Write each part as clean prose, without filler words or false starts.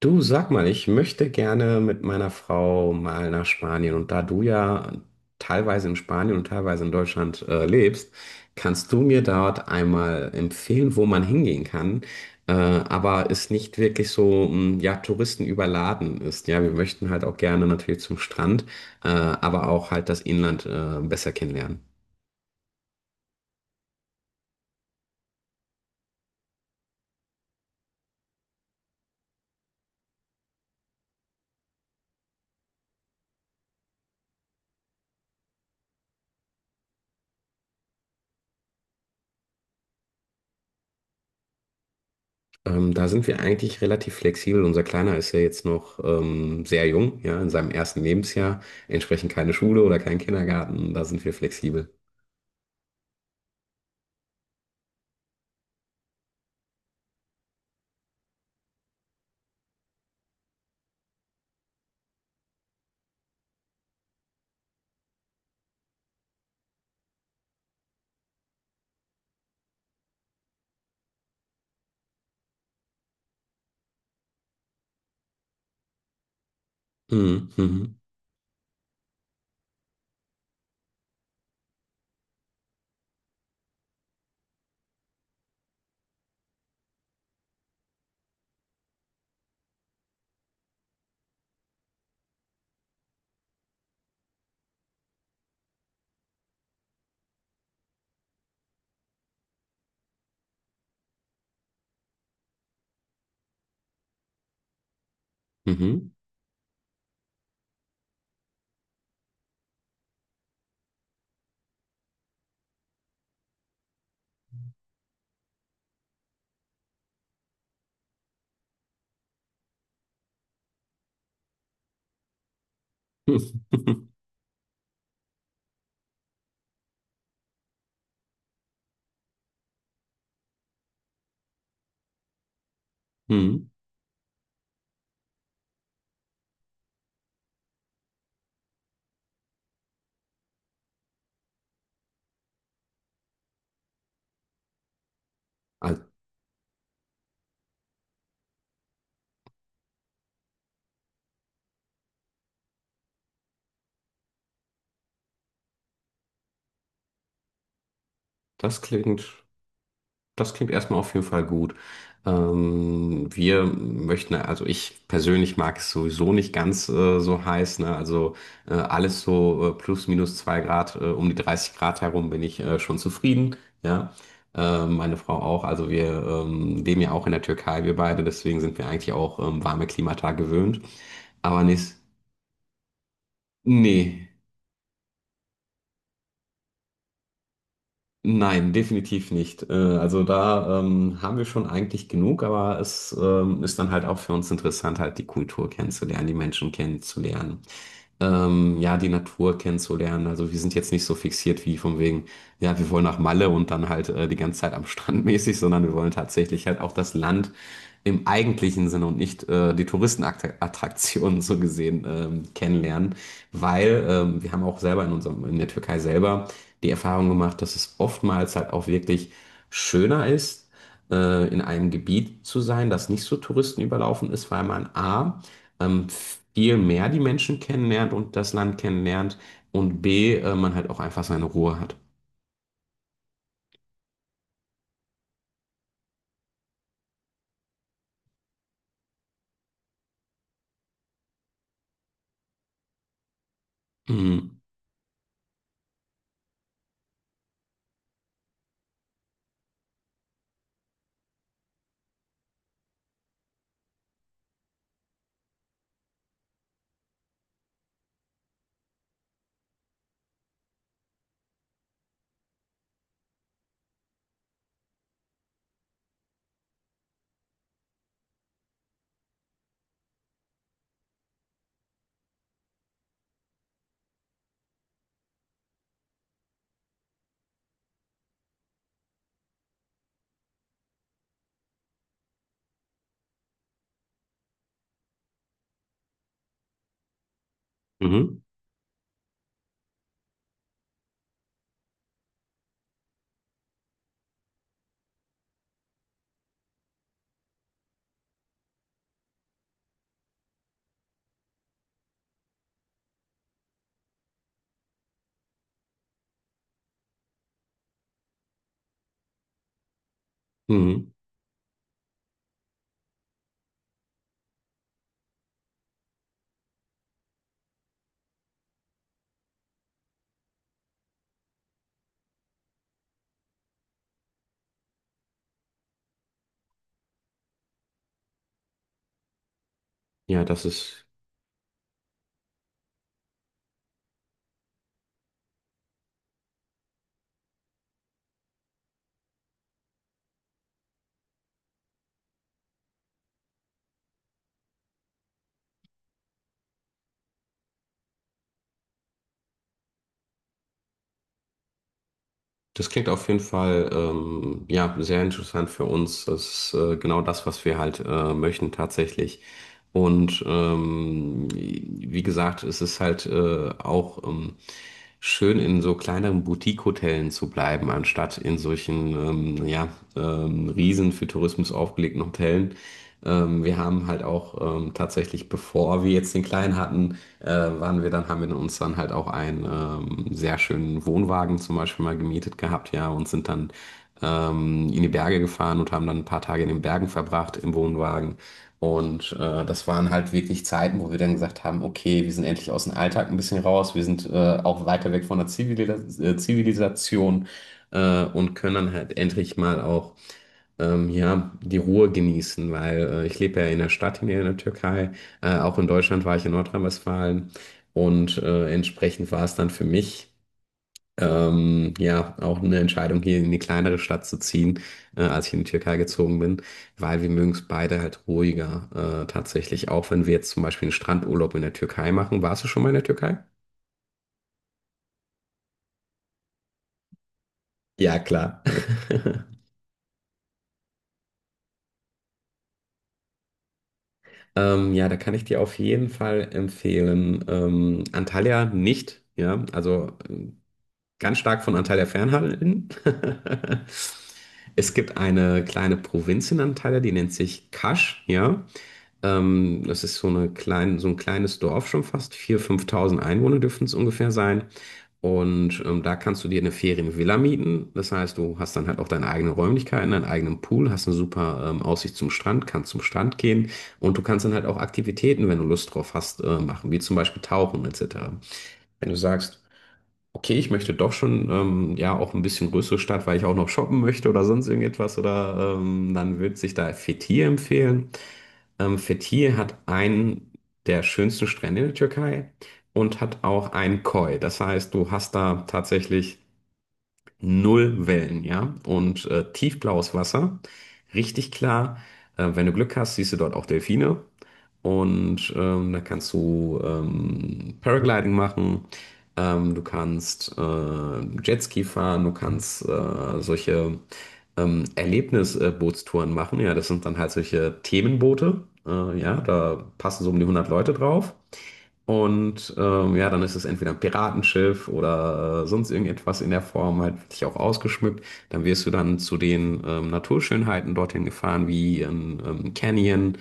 Du, sag mal, ich möchte gerne mit meiner Frau mal nach Spanien. Und da du ja teilweise in Spanien und teilweise in Deutschland lebst, kannst du mir dort einmal empfehlen, wo man hingehen kann, aber es nicht wirklich so, ja, Touristen überladen ist. Ja, wir möchten halt auch gerne natürlich zum Strand, aber auch halt das Inland besser kennenlernen. Da sind wir eigentlich relativ flexibel. Unser Kleiner ist ja jetzt noch sehr jung, ja, in seinem ersten Lebensjahr. Entsprechend keine Schule oder kein Kindergarten. Da sind wir flexibel. Mhm, mhm, mhm, mhm. Also, das klingt. Das klingt erstmal auf jeden Fall gut. Wir möchten, also ich persönlich mag es sowieso nicht ganz so heiß, ne? Also alles so plus minus 2 Grad, um die 30 Grad herum bin ich schon zufrieden, ja. Meine Frau auch. Also wir leben ja auch in der Türkei, wir beide, deswegen sind wir eigentlich auch warme Klimata gewöhnt. Aber nicht, nee. Nein, definitiv nicht. Also da haben wir schon eigentlich genug, aber es ist dann halt auch für uns interessant, halt die Kultur kennenzulernen, die Menschen kennenzulernen, ja, die Natur kennenzulernen. Also wir sind jetzt nicht so fixiert wie von wegen, ja, wir wollen nach Malle und dann halt die ganze Zeit am Strand mäßig, sondern wir wollen tatsächlich halt auch das Land im eigentlichen Sinne und nicht die Touristenattraktionen so gesehen kennenlernen, weil wir haben auch selber in unserem, in der Türkei selber die Erfahrung gemacht, dass es oftmals halt auch wirklich schöner ist, in einem Gebiet zu sein, das nicht so touristenüberlaufen ist, weil man A, ähm, viel mehr die Menschen kennenlernt und das Land kennenlernt und B, man halt auch einfach seine Ruhe hat. Mhm. Mhm. Mhm. Ja, das ist. Das klingt auf jeden Fall ja sehr interessant für uns. Das ist genau das, was wir halt möchten tatsächlich. Und wie gesagt, es ist halt auch schön, in so kleineren Boutique-Hotellen zu bleiben, anstatt in solchen ähm, ja riesen für Tourismus aufgelegten Hotellen. Wir haben halt auch tatsächlich, bevor wir jetzt den Kleinen hatten, waren wir dann, haben wir uns dann halt auch einen sehr schönen Wohnwagen zum Beispiel mal gemietet gehabt, ja, und sind dann in die Berge gefahren und haben dann ein paar Tage in den Bergen verbracht im Wohnwagen. Und das waren halt wirklich Zeiten, wo wir dann gesagt haben, okay, wir sind endlich aus dem Alltag ein bisschen raus, wir sind auch weiter weg von der Zivilisation und können dann halt endlich mal auch ja, die Ruhe genießen, weil ich lebe ja in der Stadt hier in der Türkei. Auch in Deutschland war ich in Nordrhein-Westfalen und entsprechend war es dann für mich ja auch eine Entscheidung, hier in die kleinere Stadt zu ziehen, als ich in die Türkei gezogen bin, weil wir mögen es beide halt ruhiger tatsächlich. Auch wenn wir jetzt zum Beispiel einen Strandurlaub in der Türkei machen. Warst du schon mal in der Türkei? Ja, klar. Ja, da kann ich dir auf jeden Fall empfehlen. Antalya nicht, ja. Also ganz stark von Anteil der Fernhandeln. Es gibt eine kleine Provinz in Antalya, die nennt sich Kasch, ja. Das ist so ein kleines Dorf schon fast. 4.000, 5.000 Einwohner dürften es ungefähr sein. Und da kannst du dir eine Ferienvilla mieten. Das heißt, du hast dann halt auch deine eigenen Räumlichkeiten, deinen eigenen Pool, hast eine super Aussicht zum Strand, kannst zum Strand gehen und du kannst dann halt auch Aktivitäten, wenn du Lust drauf hast, machen, wie zum Beispiel Tauchen etc. Wenn du sagst, okay, ich möchte doch schon ja auch ein bisschen größere Stadt, weil ich auch noch shoppen möchte oder sonst irgendetwas oder dann würde sich da Fethiye empfehlen. Fethiye hat einen der schönsten Strände in der Türkei und hat auch einen Koi. Das heißt, du hast da tatsächlich null Wellen, ja. Und tiefblaues Wasser, richtig klar. Wenn du Glück hast, siehst du dort auch Delfine. Und da kannst du Paragliding machen, du kannst Jetski fahren, du kannst solche Erlebnisbootstouren machen. Ja, das sind dann halt solche Themenboote. Ja, da passen so um die 100 Leute drauf. Und ja, dann ist es entweder ein Piratenschiff oder sonst irgendetwas in der Form, halt wirklich auch ausgeschmückt. Dann wirst du dann zu den Naturschönheiten dorthin gefahren, wie ein Canyon,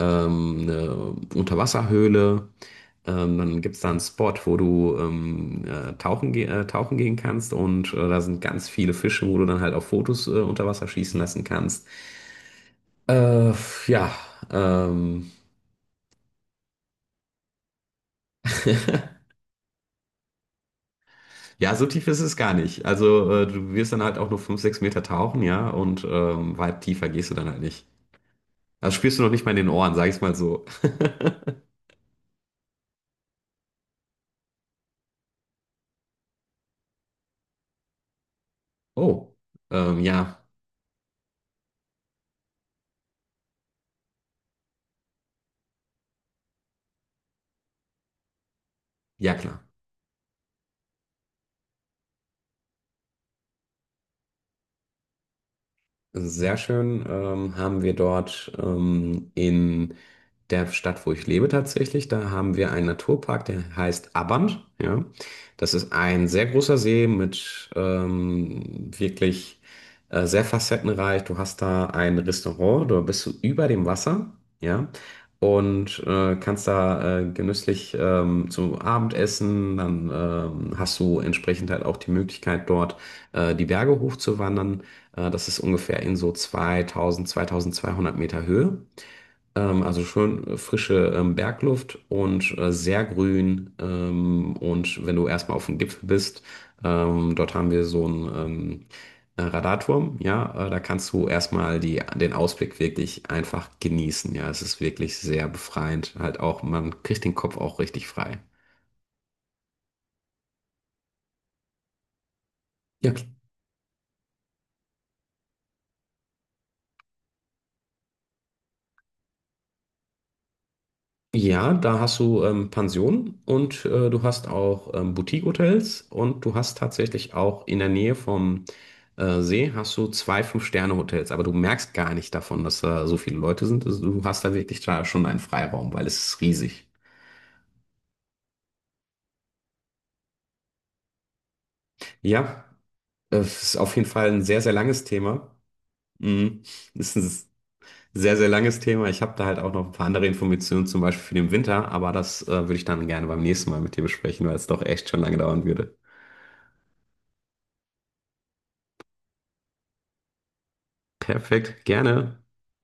eine Unterwasserhöhle. Dann gibt es da einen Spot, wo du tauchen gehen kannst und da sind ganz viele Fische, wo du dann halt auch Fotos unter Wasser schießen lassen kannst. Äh, ja, ähm. Ja, so tief ist es gar nicht. Also du wirst dann halt auch nur 5, 6 Meter tauchen, ja, und weit tiefer gehst du dann halt nicht. Das spürst du noch nicht mal in den Ohren, sag ich's mal so. Oh, ähm, ja, ja klar. Sehr schön haben wir dort in der Stadt, wo ich lebe tatsächlich, da haben wir einen Naturpark, der heißt Abant. Ja. Das ist ein sehr großer See mit wirklich sehr facettenreich. Du hast da ein Restaurant, da bist du über dem Wasser, ja, und kannst da genüsslich zu Abend essen. Dann hast du entsprechend halt auch die Möglichkeit, dort die Berge hochzuwandern. Das ist ungefähr in so 2000, 2200 Meter Höhe. Also schön frische Bergluft und sehr grün. Und wenn du erstmal auf dem Gipfel bist, dort haben wir so einen Radarturm. Ja, da kannst du erstmal den Ausblick wirklich einfach genießen. Ja, es ist wirklich sehr befreiend. Halt auch, man kriegt den Kopf auch richtig frei. Ja, klar. Ja, da hast du Pensionen und du hast auch Boutique-Hotels und du hast tatsächlich auch in der Nähe vom See hast du zwei 5-Sterne-Hotels, aber du merkst gar nicht davon, dass da so viele Leute sind. Also du hast da wirklich da schon einen Freiraum, weil es ist riesig. Ja, es ist auf jeden Fall ein sehr, sehr langes Thema. Mhm. Es ist ein sehr, sehr langes Thema. Ich habe da halt auch noch ein paar andere Informationen, zum Beispiel für den Winter, aber das würde ich dann gerne beim nächsten Mal mit dir besprechen, weil es doch echt schon lange dauern würde. Perfekt, gerne.